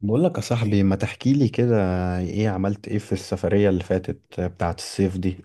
بقول لك يا صاحبي، ما تحكي لي كده. ايه عملت ايه في السفرية اللي فاتت بتاعة الصيف دي؟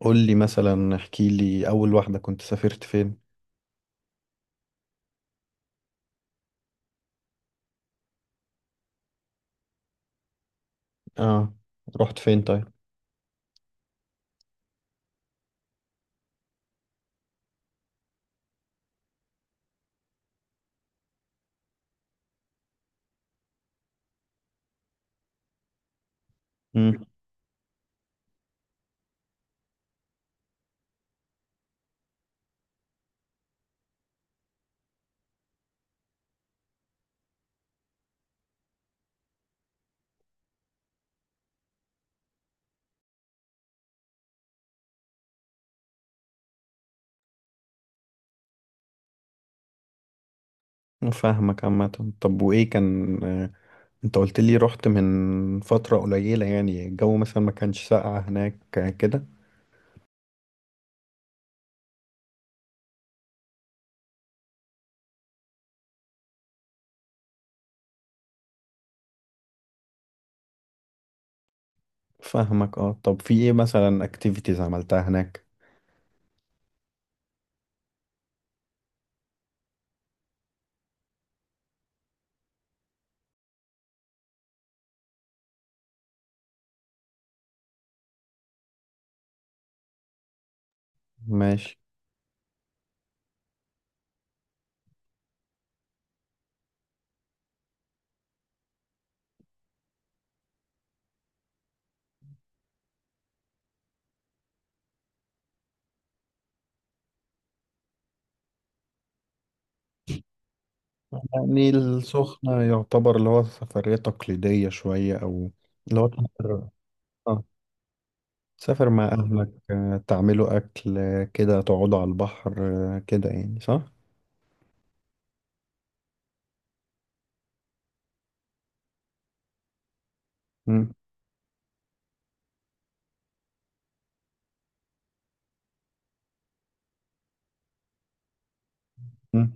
قول لي مثلا، احكي لي اول واحدة كنت سافرت فين؟ اه، رحت فين طيب؟ امم. فاهمك عامة. طب وايه كان، انت قلت لي رحت من فترة قليلة، يعني الجو مثلا ما كانش ساقع هناك كده؟ فاهمك. اه طب في ايه مثلا اكتيفيتيز عملتها هناك؟ ماشي. يعني السخنة يعتبر اللي هو سفرية تقليدية شوية، او اللي هو تقدر- تسافر مع أهلك، تعملوا أكل، كده تقعدوا على البحر، كده، يعني صح؟ مم. مم.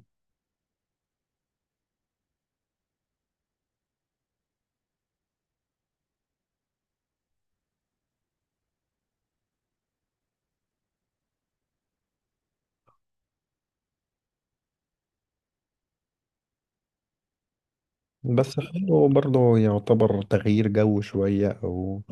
بس حلو برضه، يعتبر تغيير جو شوية، أو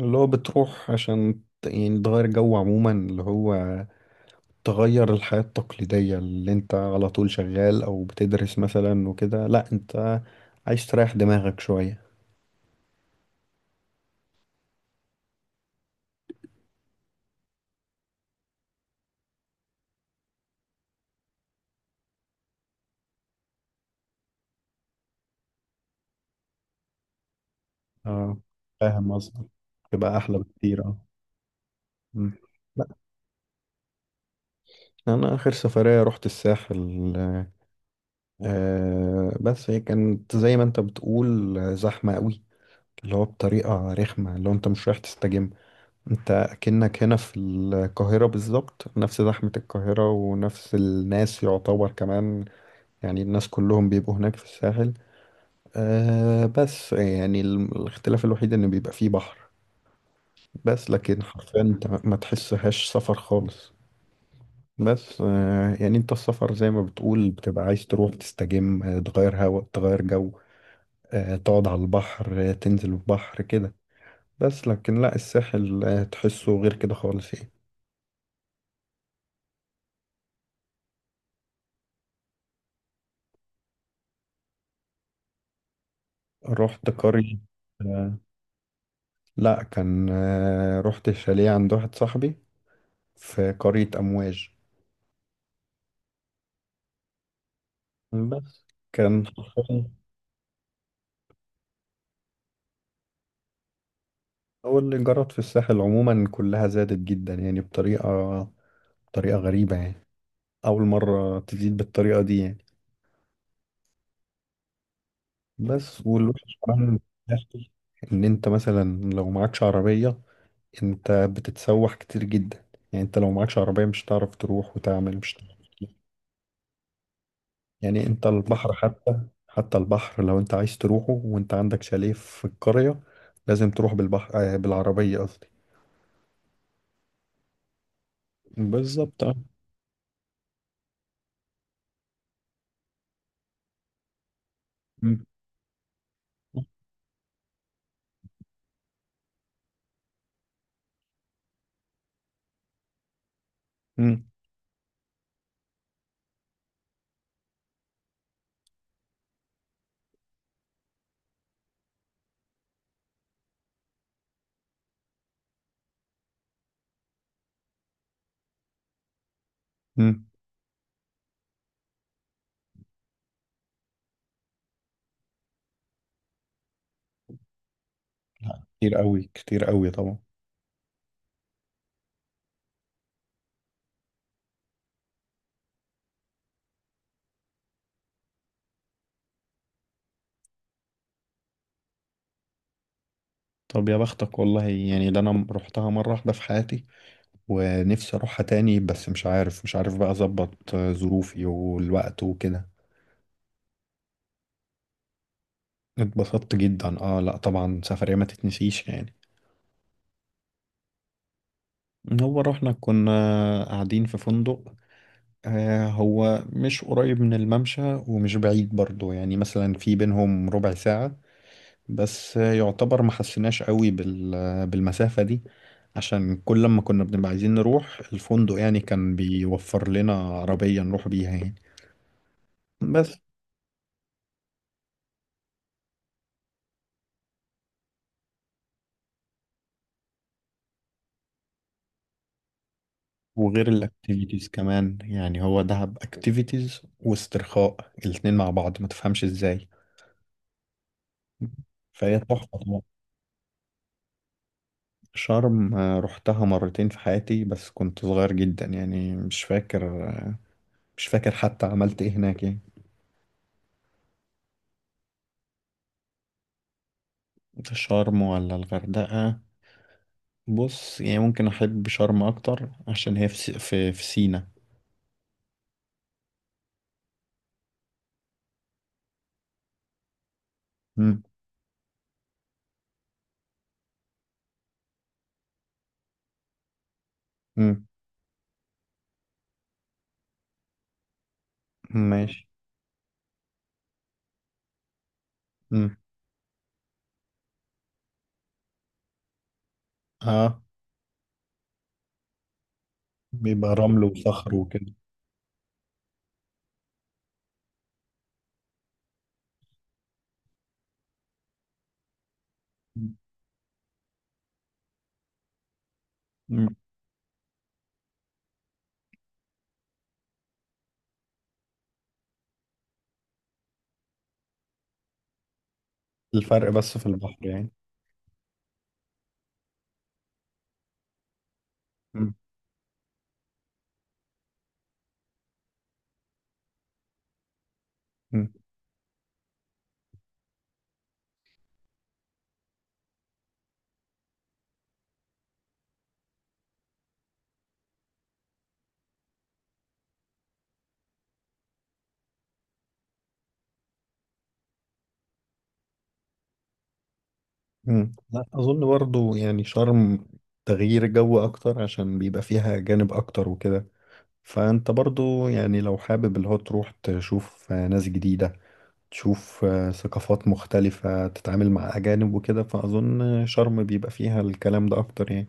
اللي هو بتروح عشان يعني تغير جو عموما، اللي هو تغير الحياة التقليدية اللي انت على طول شغال أو بتدرس مثلا وكده، لأ انت عايز تريح دماغك شوية. اه، فاهم قصدك. تبقى أحلى بكتير، اه. مم. لأ، أنا آخر سفرية رحت الساحل. بس هي كانت زي ما انت بتقول، زحمة قوي، اللي هو بطريقة رخمة، اللي هو انت مش رايح تستجم. انت كأنك هنا في القاهرة بالظبط، نفس زحمة القاهرة ونفس الناس يعتبر كمان، يعني الناس كلهم بيبقوا هناك في الساحل. بس يعني الاختلاف الوحيد ان بيبقى فيه بحر، بس لكن حرفيا انت ما تحسهاش سفر خالص. بس يعني انت السفر زي ما بتقول بتبقى عايز تروح تستجم، تغير هوا، تغير جو، تقعد على البحر، تنزل البحر كده، بس لكن لا، الساحل تحسه غير كده خالص يعني. رحت قرية. آه، لا، كان رحت شاليه عند واحد صاحبي في قرية أمواج. بس كان حرفياً. هو الإيجارات في الساحل عموما كلها زادت جدا، يعني بطريقة، بطريقة غريبة يعني. أول مرة تزيد بالطريقة دي يعني. بس والوحش كمان إن أنت مثلا لو معكش عربية، انت بتتسوح كتير جدا. يعني انت لو معكش عربية مش هتعرف تروح وتعمل، مش هتعرف تروح. يعني انت البحر حتى، حتى البحر لو انت عايز تروحه وانت عندك شاليه في القرية، لازم تروح بالبحر، بالعربية قصدي. بالظبط، اه. مم. مم. مم. كتير قوي، كتير قوي طبعا. طب يا بختك والله، يعني ده انا رحتها مرة واحدة في حياتي، ونفسي اروحها تاني، بس مش عارف بقى اظبط ظروفي والوقت وكده. اتبسطت جدا، اه، لا طبعا، سفرية ما تتنسيش يعني. هو رحنا كنا قاعدين في فندق. هو مش قريب من الممشى ومش بعيد برضو، يعني مثلا في بينهم ربع ساعة، بس، يعتبر ما حسيناش قوي بالمسافة دي، عشان كل لما كنا بنبقى عايزين نروح الفندق يعني كان بيوفر لنا عربية نروح بيها يعني. بس وغير الاكتيفيتيز كمان، يعني هو دهب اكتيفيتيز واسترخاء، الاتنين مع بعض ما تفهمش ازاي. فهي تحفة طبعا. شرم رحتها مرتين في حياتي، بس كنت صغير جدا يعني، مش فاكر، مش فاكر حتى عملت ايه هناك يعني. شرم ولا الغردقة؟ بص، يعني ممكن أحب شرم أكتر عشان هي في في سينا. مم. مم. ماشي. مم. اه، بيبقى رمل وصخر وكده. مم. الفرق بس في البحر يعني. مم. مم. مم. لا أظن، برضو يعني شرم تغيير جو أكتر، عشان بيبقى فيها أجانب أكتر وكده. فانت برضو يعني لو حابب اللي هو تروح تشوف ناس جديدة، تشوف ثقافات مختلفة، تتعامل مع أجانب وكده، فأظن شرم بيبقى فيها الكلام ده أكتر يعني.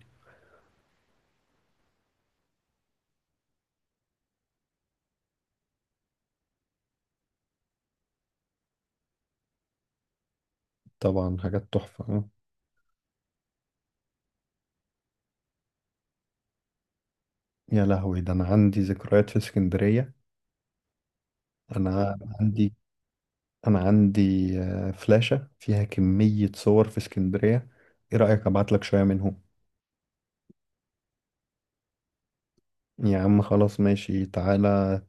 طبعا حاجات تحفة. يا لهوي، ده أنا عندي ذكريات في اسكندرية. أنا عندي أنا عندي فلاشة فيها كمية صور في اسكندرية. إيه رأيك أبعت لك شوية منهم؟ يا عم خلاص، ماشي، تعالى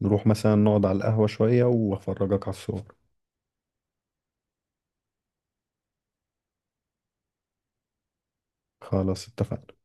نروح مثلا نقعد على القهوة شوية وأفرجك على الصور. خلاص، اتفقنا.